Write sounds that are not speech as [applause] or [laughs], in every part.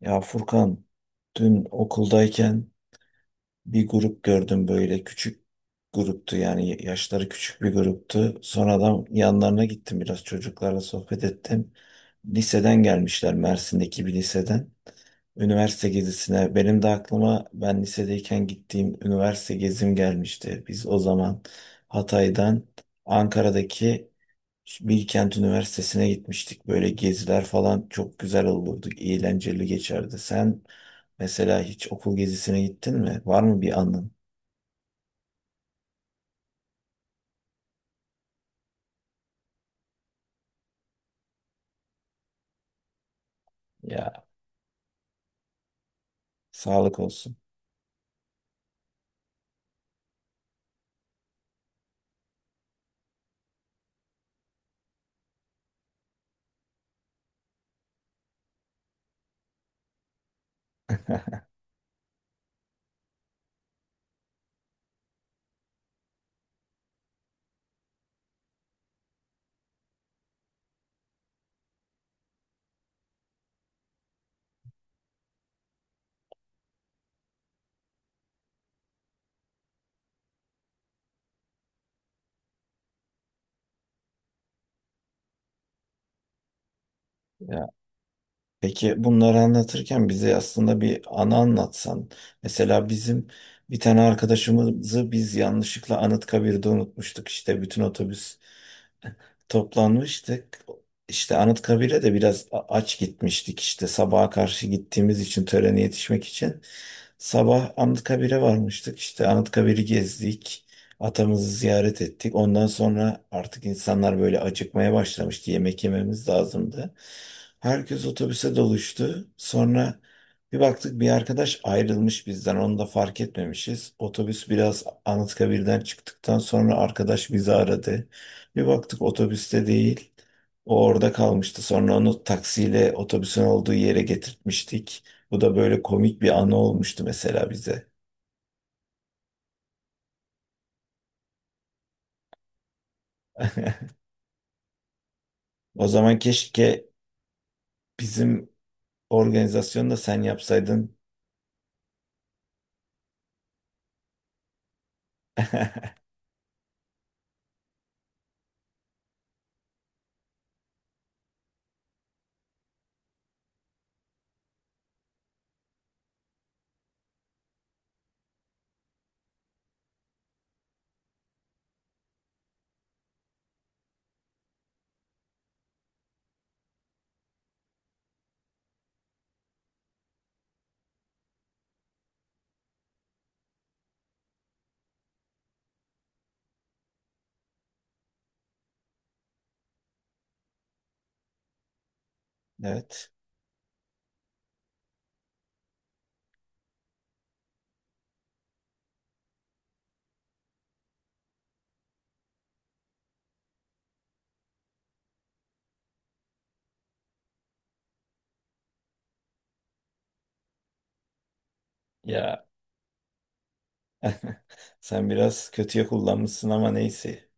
Ya Furkan, dün okuldayken bir grup gördüm, böyle küçük gruptu, yani yaşları küçük bir gruptu. Sonradan yanlarına gittim, biraz çocuklarla sohbet ettim. Liseden gelmişler, Mersin'deki bir liseden. Üniversite gezisine benim de aklıma ben lisedeyken gittiğim üniversite gezim gelmişti. Biz o zaman Hatay'dan Ankara'daki Bilkent Üniversitesi'ne gitmiştik. Böyle geziler falan çok güzel olurdu. Eğlenceli geçerdi. Sen mesela hiç okul gezisine gittin mi? Var mı bir anın? Ya, sağlık olsun. Ya, peki bunları anlatırken bize aslında bir anı anlatsan. Mesela bizim bir tane arkadaşımızı biz yanlışlıkla Anıtkabir'de unutmuştuk. İşte bütün otobüs toplanmıştık. İşte Anıtkabir'e de biraz aç gitmiştik, işte sabaha karşı gittiğimiz için törene yetişmek için. Sabah Anıtkabir'e varmıştık. İşte Anıtkabir'i gezdik. Atamızı ziyaret ettik. Ondan sonra artık insanlar böyle acıkmaya başlamıştı. Yemek yememiz lazımdı. Herkes otobüse doluştu. Sonra bir baktık, bir arkadaş ayrılmış bizden. Onu da fark etmemişiz. Otobüs biraz Anıtkabir'den çıktıktan sonra arkadaş bizi aradı. Bir baktık, otobüste değil. O orada kalmıştı. Sonra onu taksiyle otobüsün olduğu yere getirtmiştik. Bu da böyle komik bir anı olmuştu mesela bize. [laughs] O zaman keşke bizim organizasyonu da sen yapsaydın. [laughs] Evet. Ya, sen biraz kötüye kullanmışsın ama neyse.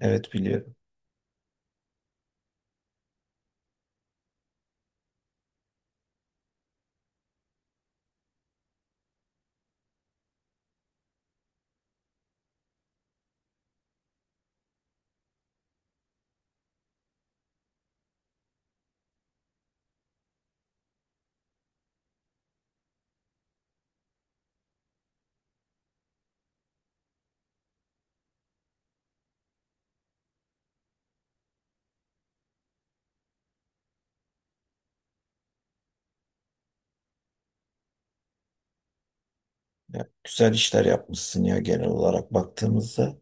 Evet, biliyorum. Ya, güzel işler yapmışsın ya, genel olarak baktığımızda.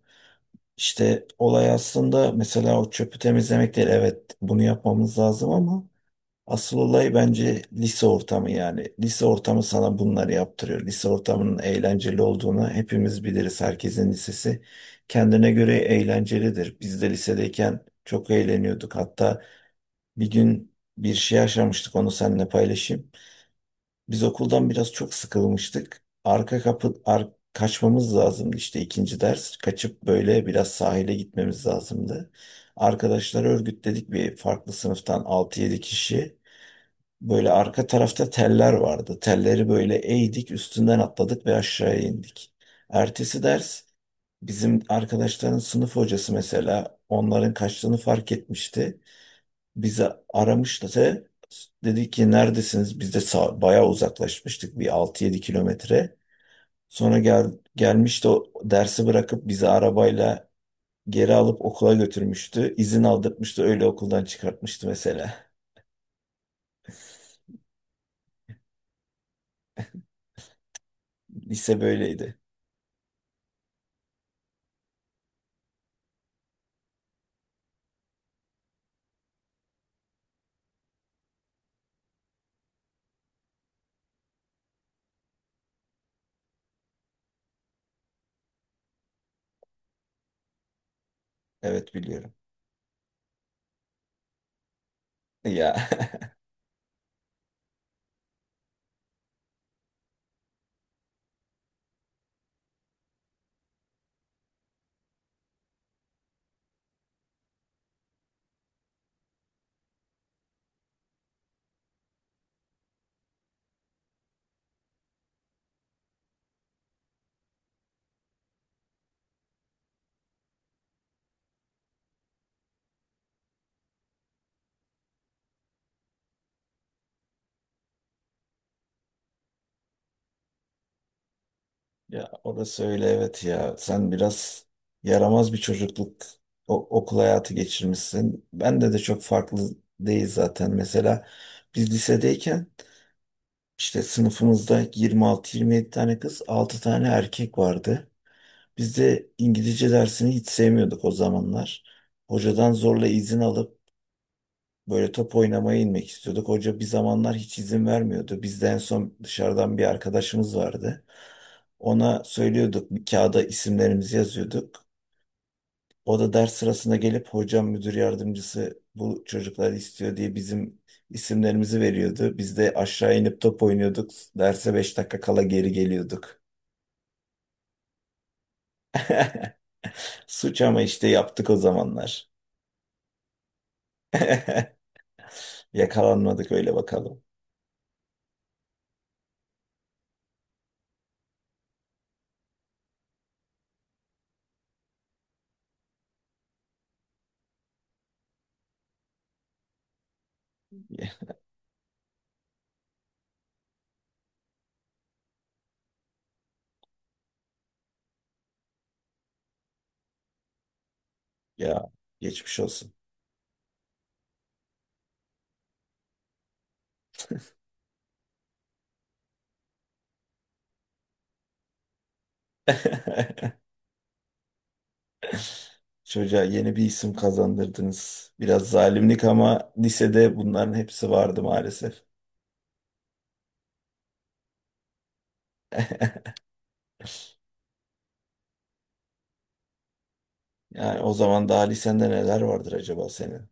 İşte olay aslında mesela o çöpü temizlemek değil. Evet, bunu yapmamız lazım, ama asıl olay bence lise ortamı, yani. Lise ortamı sana bunları yaptırıyor. Lise ortamının eğlenceli olduğunu hepimiz biliriz. Herkesin lisesi kendine göre eğlencelidir. Biz de lisedeyken çok eğleniyorduk. Hatta bir gün bir şey yaşamıştık, onu seninle paylaşayım. Biz okuldan biraz çok sıkılmıştık. Kaçmamız lazımdı işte, ikinci ders. Kaçıp böyle biraz sahile gitmemiz lazımdı. Arkadaşları örgütledik, bir farklı sınıftan altı yedi kişi. Böyle arka tarafta teller vardı. Telleri böyle eğdik, üstünden atladık ve aşağıya indik. Ertesi ders bizim arkadaşların sınıf hocası mesela onların kaçtığını fark etmişti. Bizi aramıştı da dedi ki neredesiniz? Biz de bayağı uzaklaşmıştık, bir 6-7 kilometre. Sonra gelmişti, o dersi bırakıp bizi arabayla geri alıp okula götürmüştü. İzin aldırtmıştı, öyle okuldan çıkartmıştı mesela. Lise böyleydi. Evet, biliyorum. Ya, [laughs] ya orası öyle, evet ya. Sen biraz yaramaz bir çocukluk, okul hayatı geçirmişsin. Bende de çok farklı değil zaten. Mesela biz lisedeyken işte sınıfımızda 26-27 tane kız, 6 tane erkek vardı. Biz de İngilizce dersini hiç sevmiyorduk o zamanlar. Hocadan zorla izin alıp böyle top oynamaya inmek istiyorduk. Hoca bir zamanlar hiç izin vermiyordu. Biz de en son dışarıdan bir arkadaşımız vardı. Ona söylüyorduk, bir kağıda isimlerimizi yazıyorduk. O da ders sırasında gelip hocam müdür yardımcısı bu çocukları istiyor diye bizim isimlerimizi veriyordu. Biz de aşağı inip top oynuyorduk. Derse 5 dakika kala geri geliyorduk. [laughs] Suç ama işte yaptık o zamanlar. [laughs] Yakalanmadık, öyle bakalım. Ya ya, geçmiş olsun. [laughs] Çocuğa yeni bir isim kazandırdınız. Biraz zalimlik ama lisede bunların hepsi vardı maalesef. [laughs] Yani o zaman daha lisende neler vardır acaba senin?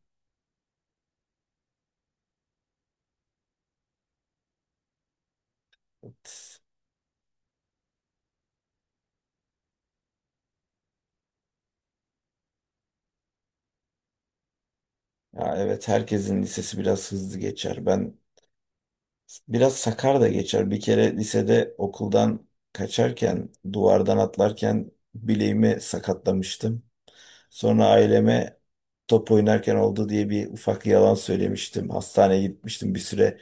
Ya evet, herkesin lisesi biraz hızlı geçer. Ben biraz sakar da geçer. Bir kere lisede okuldan kaçarken, duvardan atlarken bileğimi sakatlamıştım. Sonra aileme top oynarken oldu diye bir ufak yalan söylemiştim. Hastaneye gitmiştim bir süre.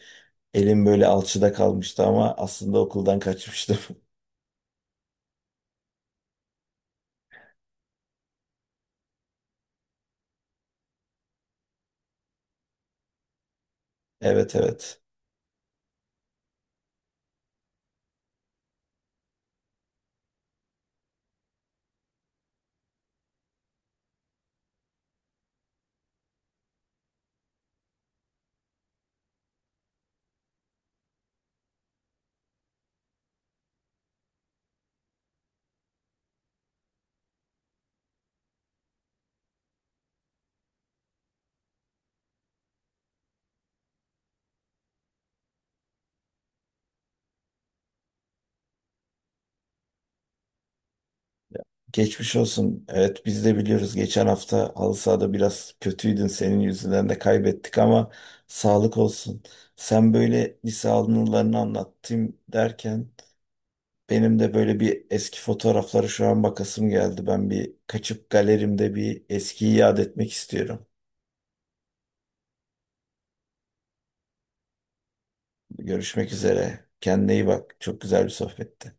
Elim böyle alçıda kalmıştı ama aslında okuldan kaçmıştım. [laughs] Evet, evet. Geçmiş olsun. Evet biz de biliyoruz, geçen hafta halı sahada biraz kötüydün. Senin yüzünden de kaybettik ama sağlık olsun. Sen böyle lise anılarını anlattım derken benim de böyle bir eski fotoğraflara şu an bakasım geldi. Ben bir kaçıp galerimde bir eskiyi yad etmek istiyorum. Görüşmek üzere. Kendine iyi bak. Çok güzel bir sohbetti.